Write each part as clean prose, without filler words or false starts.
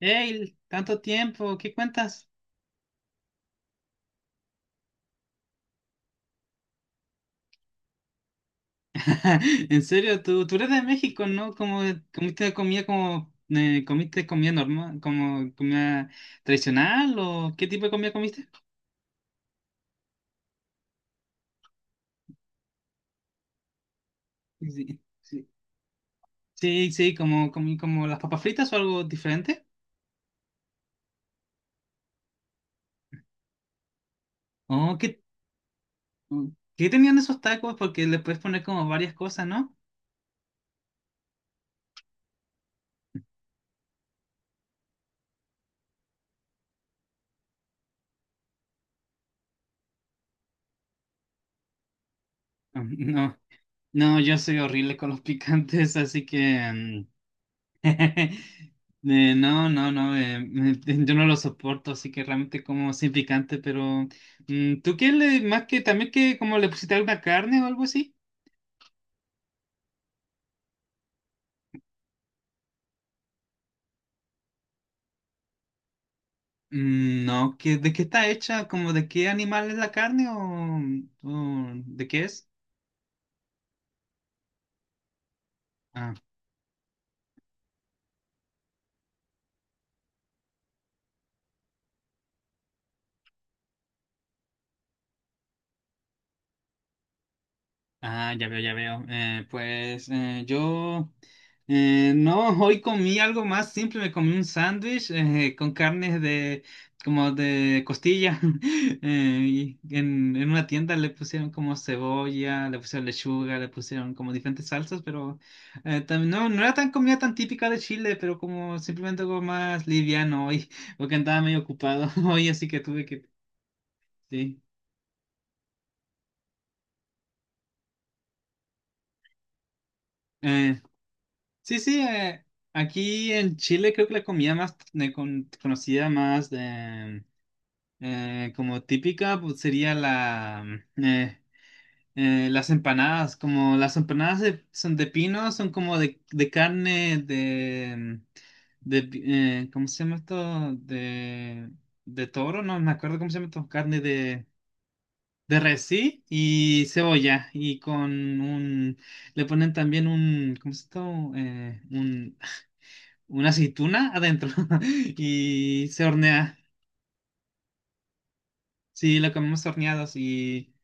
Hey, tanto tiempo, ¿qué cuentas? En serio, tú eres de México, ¿no? Como comiste comida normal, como comida tradicional o ¿qué tipo de comida comiste? Sí, sí, sí, sí, como comí como las papas fritas o algo diferente. Oh, oh, ¿qué tenían esos tacos? Porque le puedes poner como varias cosas, ¿no? Ah, no, no, yo soy horrible con los picantes, así que mm, No, yo no lo soporto, así que realmente como sin picante, pero mm, ¿tú qué le, más que también que como le pusiste alguna carne o algo así? Mm, no, ¿de qué está hecha? ¿Como de qué animal es la carne o de qué es? Ah, ya veo, ya veo. Pues yo no, hoy comí algo más simple, me comí un sándwich con carnes de como de costilla. Y en una tienda le pusieron como cebolla, le pusieron lechuga, le pusieron como diferentes salsas, pero no, no era tan comida tan típica de Chile, pero como simplemente algo más liviano hoy, porque andaba medio ocupado hoy, así que tuve que... Sí. eh, Sí, sí, eh, aquí en Chile creo que la comida más conocida, más de, como típica, pues sería la, eh, las empanadas. Como las empanadas son de pino, son como de carne, de, ¿cómo se llama esto? De toro, no me acuerdo cómo se llama esto, carne de res, sí, y cebolla, y con un, le ponen también un, ¿cómo se llama esto? Un una aceituna adentro y se hornea. Sí, lo comemos horneados y...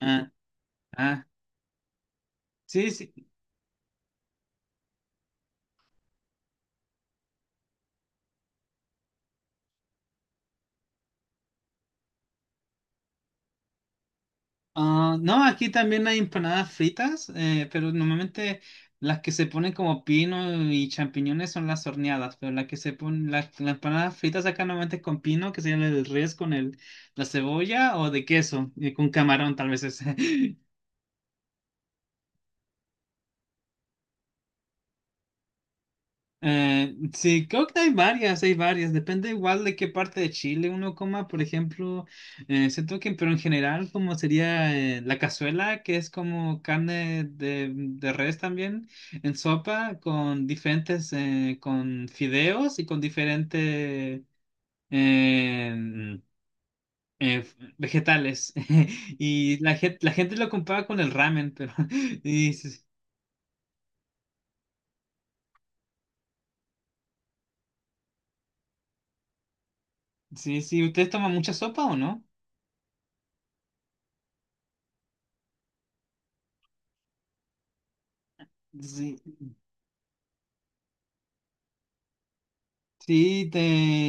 Ah, ah, sí, sí. Ah, no, aquí también hay empanadas fritas, pero normalmente las que se ponen como pino y champiñones son las horneadas, pero las que se ponen, las empanadas fritas acá normalmente es con pino, que sería el del res con el, la cebolla o de queso, con camarón tal vez es. Sí, creo que hay varias, hay varias. Depende igual de qué parte de Chile uno coma. Por ejemplo, siento que, pero en general, como sería la cazuela, que es como carne de res también, en sopa, con diferentes, con fideos y con diferentes vegetales. Y la gente lo compara con el ramen, pero y, sí, sí, sí, ¿ustedes toman mucha sopa o no? Sí. Sí, te,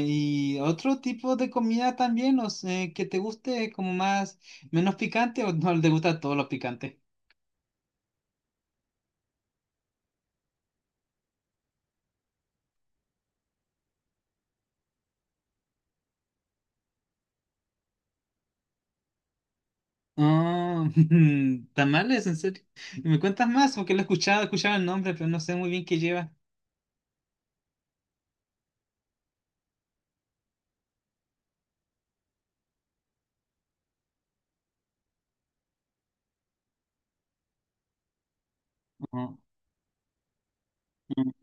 y otro tipo de comida también, no sé, que te guste como más, menos picante o no te gusta todos los picantes. Ah, tamales, en serio. ¿Me cuentas más? Porque lo he escuchado el nombre, pero no sé muy bien qué lleva. Oh, mm,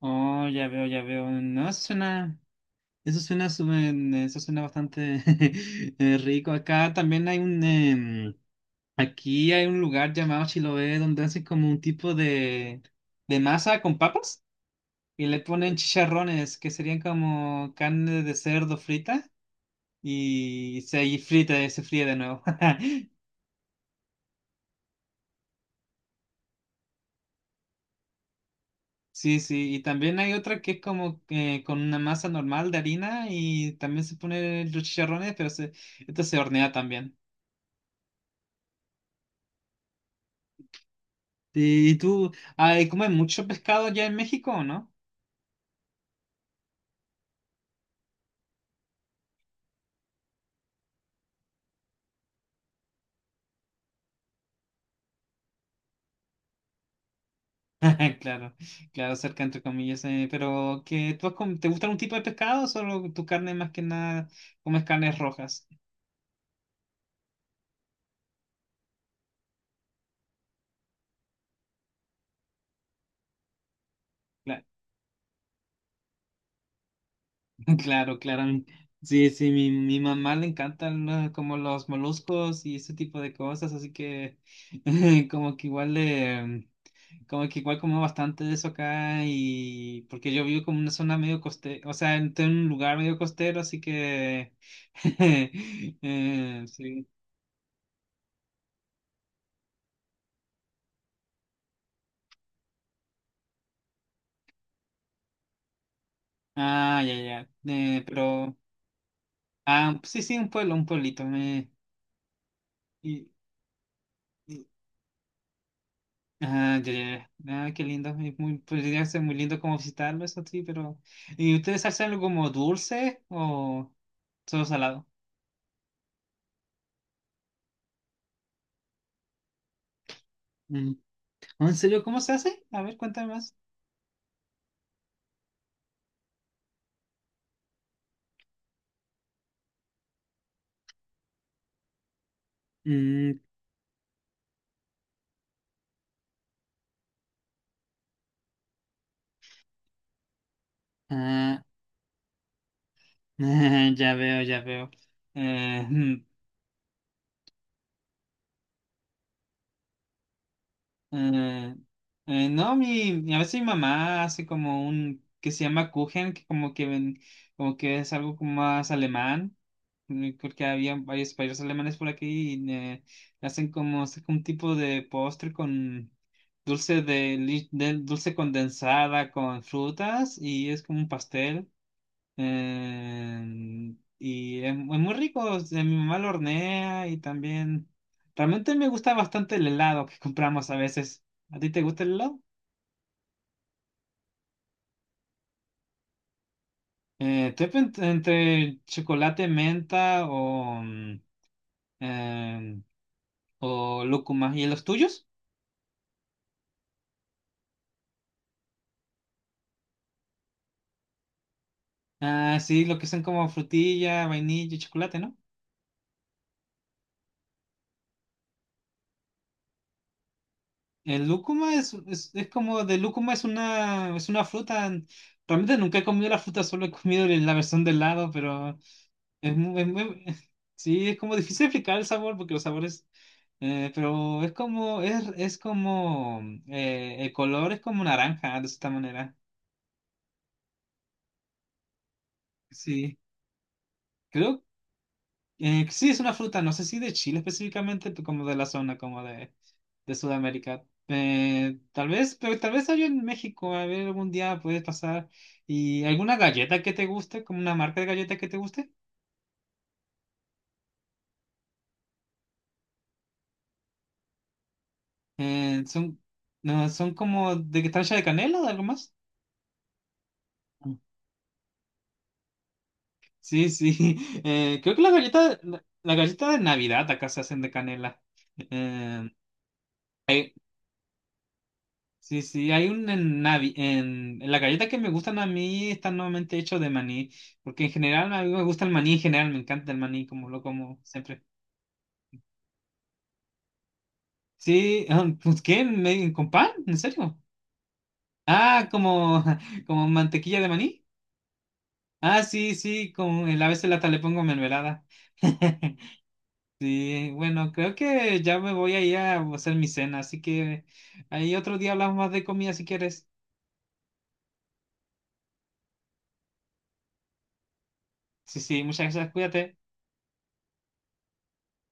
oh, ya veo, ya veo. No, eso suena, eso suena bastante rico. Acá también hay un, aquí hay un lugar llamado Chiloé donde hacen como un tipo de masa con papas. Y le ponen chicharrones, que serían como carne de cerdo frita, y se ahí frita, se fríe de nuevo. Sí, sí, y también hay otra que es como con una masa normal de harina y también se pone los chicharrones, pero se, esto se hornea también. Sí, ¿y tú, ay, comen mucho pescado allá en México o no? Claro, claro, cerca entre comillas, pero que ¿te gusta algún tipo de pescado o solo tu carne más que nada comes carnes rojas? Claro, claro. Sí, sí, mi mamá le encantan, ¿no?, como los moluscos y ese tipo de cosas, así que como que igual le, como que igual como bastante de eso acá y porque yo vivo como en una zona medio costera, o sea, en un lugar medio costero, así que sí. Ah, ya, ya. Pero, ah, sí, sí, un pueblo, un pueblito. Y- y- Ah, ya, ya, ya. Ah, qué lindo. Es podría ser muy lindo como visitarlo, eso sí, pero. ¿Y ustedes hacen algo como dulce o solo salado? Mm. ¿En serio cómo se hace? A ver, cuéntame más. Mm, ah, ya veo, ya veo. Eh, Eh, no, a veces mi mamá hace como un que se llama Kuchen, que como que ven, como que es algo como más alemán, porque había varios países alemanes por aquí y hacen como es un tipo de postre con dulce de, dulce condensada con frutas y es como un pastel. Y es muy rico, o sea, mi mamá lo hornea y también... Realmente me gusta bastante el helado que compramos a veces. ¿A ti te gusta el helado? Entre chocolate menta o, mm, eh, o lúcuma. ¿Y los tuyos? Ah, sí, lo que son como frutilla, vainilla y chocolate, ¿no? El lúcuma es, es como de lúcuma es una fruta. Realmente nunca he comido la fruta, solo he comido la versión de helado, pero es sí, es como difícil explicar el sabor porque los sabores, pero es como, el color es como naranja, de esta manera. Sí, creo que sí es una fruta, no sé si de Chile específicamente, pero como de la zona, como de Sudamérica. Tal vez, pero tal vez hay en México, a ver, algún día puedes pasar. ¿Y alguna galleta que te guste, como una marca de galleta que te guste? Eh, son, no, son como de que están hechas de canela o de algo más. Sí, sí. Creo que la galleta, la galleta de Navidad acá se hacen de canela. Eh, hay- sí, sí, hay un en la galleta que me gustan a mí están nuevamente hechos de maní, porque en general a mí me gusta el maní en general, me encanta el maní como lo como siempre. Sí, ah, pues ¿qué? ¿Con pan? ¿En serio? Ah, como, como mantequilla de maní. Ah, sí, sí, como a veces hasta le pongo mermelada. Sí, bueno, creo que ya me voy a ir a hacer mi cena, así que ahí otro día hablamos más de comida si quieres. Sí, sí, muchas gracias, cuídate.